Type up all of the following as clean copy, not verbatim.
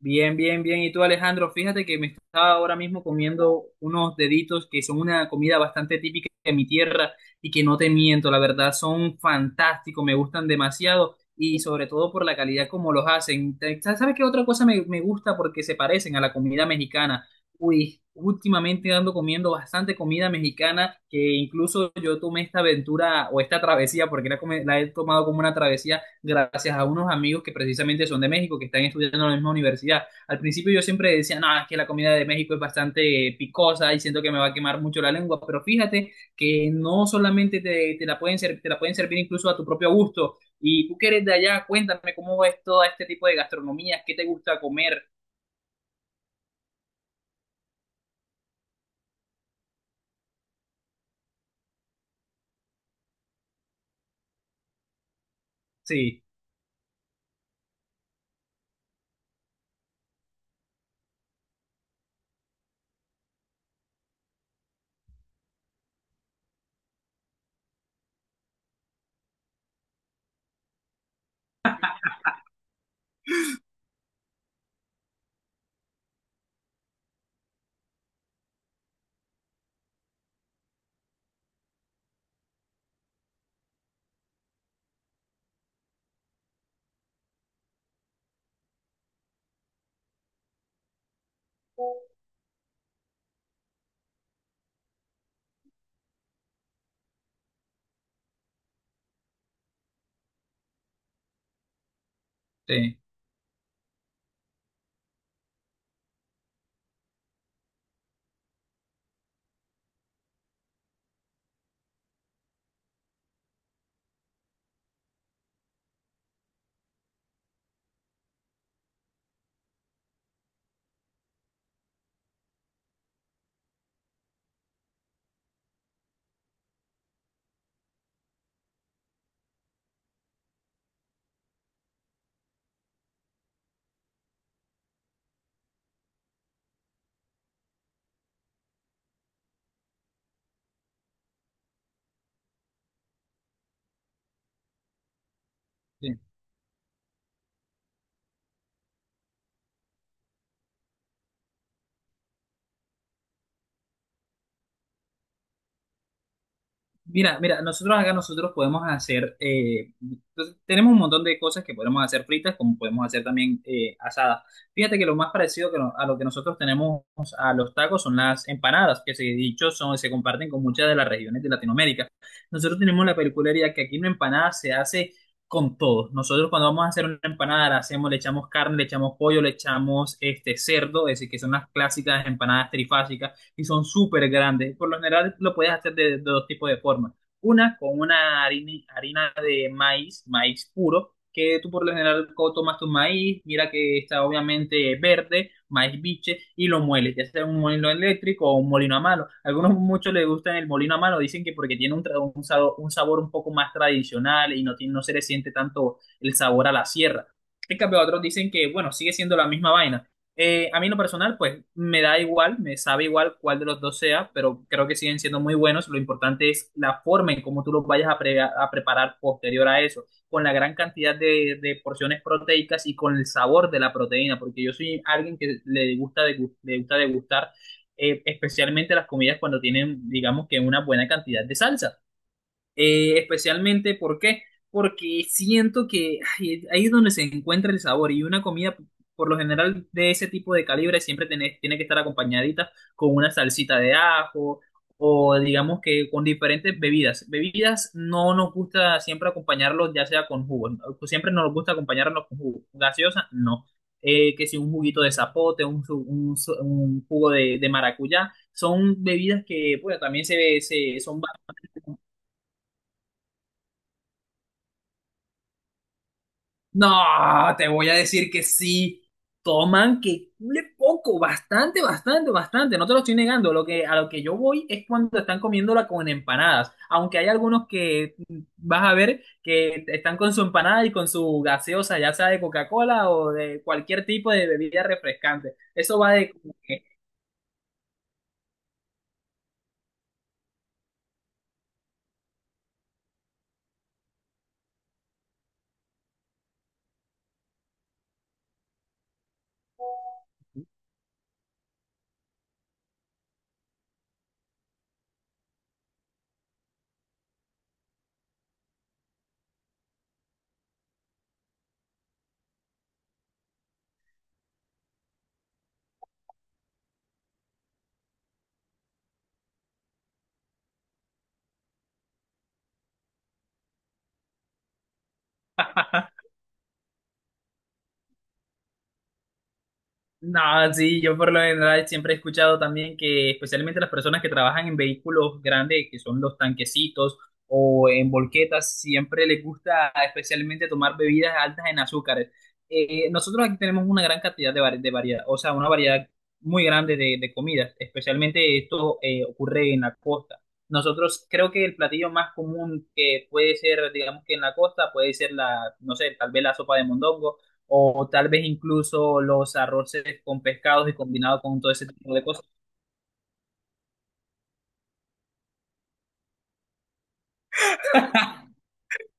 Bien, bien, bien. Y tú, Alejandro, fíjate que me estaba ahora mismo comiendo unos deditos que son una comida bastante típica de mi tierra y que no te miento, la verdad son fantásticos, me gustan demasiado y sobre todo por la calidad como los hacen. ¿Sabes qué otra cosa me gusta? Porque se parecen a la comida mexicana. Uy, últimamente ando comiendo bastante comida mexicana que incluso yo tomé esta aventura o esta travesía, porque la he tomado como una travesía gracias a unos amigos que precisamente son de México, que están estudiando en la misma universidad. Al principio yo siempre decía, no, es que la comida de México es bastante picosa y siento que me va a quemar mucho la lengua, pero fíjate que no solamente te la pueden servir incluso a tu propio gusto. Y tú que eres de allá, cuéntame cómo es todo este tipo de gastronomía, qué te gusta comer. Sí, sí, sí. Mira, mira, nosotros acá nosotros podemos hacer, entonces, tenemos un montón de cosas que podemos hacer fritas, como podemos hacer también asadas. Fíjate que lo más parecido que no- a lo que nosotros tenemos a los tacos son las empanadas, que se dicho son, se comparten con muchas de las regiones de Latinoamérica. Nosotros tenemos la peculiaridad que aquí una empanada se hace con todo. Nosotros cuando vamos a hacer una empanada la hacemos, le echamos carne, le echamos pollo, le echamos este cerdo, es decir, que son las clásicas empanadas trifásicas y son súper grandes. Por lo general lo puedes hacer de dos tipos de formas. Una con una harina, harina de maíz, maíz puro, que tú por lo general tomas tu maíz, mira que está obviamente verde, maíz biche, y lo mueles, ya sea un molino eléctrico o un molino a mano. Algunos muchos les gustan el molino a mano, dicen que porque tiene un sabor, un sabor un poco más tradicional y no, no se le siente tanto el sabor a la sierra. En cambio, otros dicen que, bueno, sigue siendo la misma vaina, a mí en lo personal, pues me da igual, me sabe igual cuál de los dos sea, pero creo que siguen siendo muy buenos. Lo importante es la forma en cómo tú los vayas a preparar posterior a eso, con la gran cantidad de porciones proteicas y con el sabor de la proteína, porque yo soy alguien que le gusta, degustar especialmente las comidas cuando tienen, digamos que una buena cantidad de salsa. Especialmente, ¿por qué? Porque siento que ay, ahí es donde se encuentra el sabor y una comida, por lo general, de ese tipo de calibre siempre tiene que estar acompañadita con una salsita de ajo o digamos que con diferentes bebidas. Bebidas no nos gusta siempre acompañarlos ya sea con jugo, ¿no? Pues siempre nos gusta acompañarlos con jugo. Gaseosa, no. Que si un juguito de zapote, un jugo de maracuyá, son bebidas que pues, también son. No, te voy a decir que sí. Toman que cule poco, bastante, bastante, bastante. No te lo estoy negando. A lo que yo voy es cuando están comiéndola con empanadas. Aunque hay algunos que vas a ver que están con su empanada y con su gaseosa, ya sea de Coca-Cola o de cualquier tipo de bebida refrescante. Eso va de. No, sí, yo por lo general siempre he escuchado también que especialmente las personas que trabajan en vehículos grandes, que son los tanquecitos o en volquetas, siempre les gusta especialmente tomar bebidas altas en azúcares. Nosotros aquí tenemos una gran cantidad de variedad, o sea, una variedad muy grande de comidas, especialmente esto ocurre en la costa. Nosotros creo que el platillo más común que puede ser, digamos que en la costa, puede ser la, no sé, tal vez la sopa de mondongo o tal vez incluso los arroces con pescados y combinado con todo ese tipo de cosas.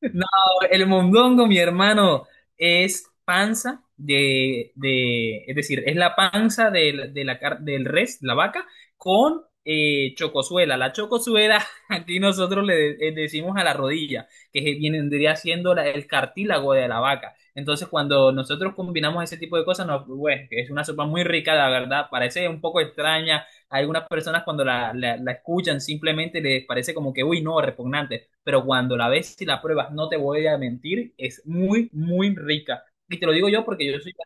No, el mondongo, mi hermano, es panza es decir, es la panza del res, la vaca, con chocosuela. La chocosuela, aquí nosotros decimos a la rodilla, que vendría siendo el cartílago de la vaca. Entonces, cuando nosotros combinamos ese tipo de cosas, pues, bueno, es una sopa muy rica, la verdad, parece un poco extraña. Hay algunas personas cuando la escuchan simplemente les parece como que, uy, no, repugnante, pero cuando la ves y la pruebas, no te voy a mentir, es muy, muy rica. Y te lo digo yo porque yo soy.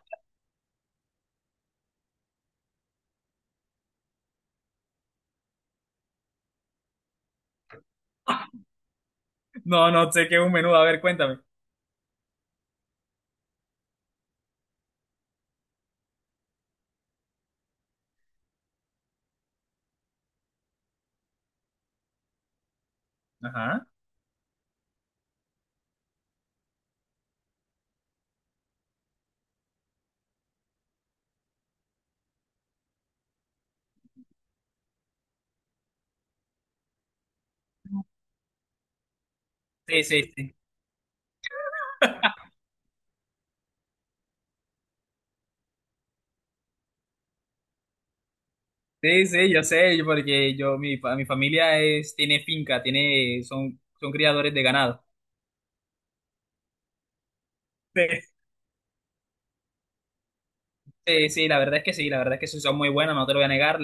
No, no sé qué es un menudo, a ver, cuéntame. Ajá. Sí, sí, sí. Sí, sí, yo sé, porque mi familia tiene finca, son criadores de ganado. Sí, sí, la verdad es que sí son muy buenas, no te lo voy a negar.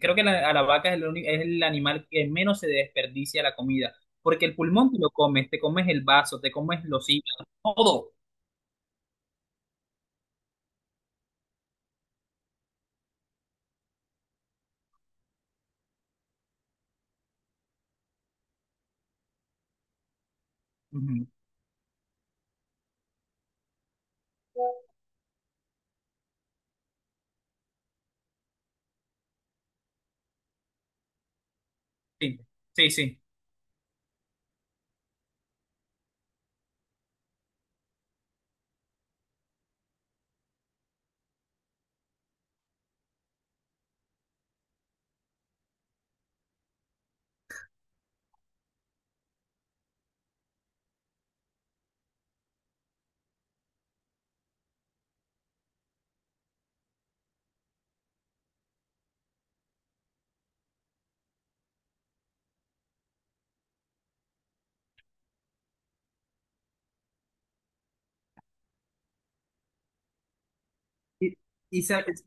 Creo que a la vaca es es el animal que menos se desperdicia la comida, porque el pulmón te lo comes, te comes el vaso, te comes los hígados, todo. Ujú. Sí, sí, sí. Y, y sabes,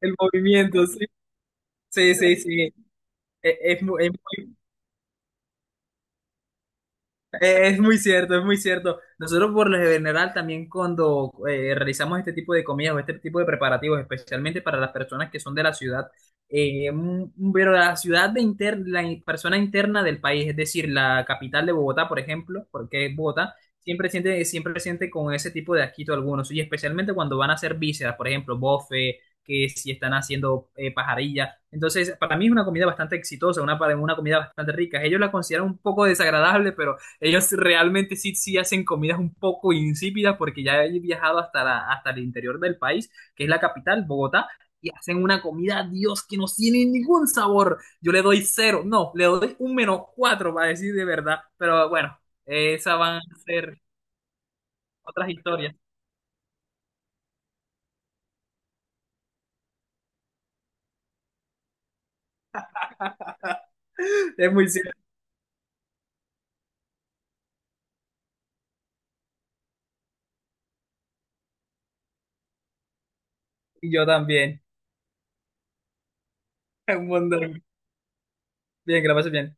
el movimiento, sí. Sí, sí, sí. Es, es mu- es muy, Es muy cierto, es muy cierto. Nosotros por lo general también cuando realizamos este tipo de comidas o este tipo de preparativos, especialmente para las personas que son de la ciudad, pero la ciudad de inter- la in- persona interna del país, es decir, la capital de Bogotá, por ejemplo, porque es Bogotá, siempre siente con ese tipo de asquito algunos, y especialmente cuando van a hacer vísceras, por ejemplo, bofe, que si están haciendo pajarilla. Entonces, para mí es una comida bastante exitosa, una comida bastante rica. Ellos la consideran un poco desagradable, pero ellos realmente sí, sí hacen comidas un poco insípidas porque ya he viajado hasta, hasta el interior del país, que es la capital, Bogotá, y hacen una comida, Dios, que no tiene ningún sabor. Yo le doy 0, no, le doy un -4 para decir de verdad, pero bueno, esas van a ser otras historias. Es muy cierto. Y yo también. Un montón. Bien, que la pases bien.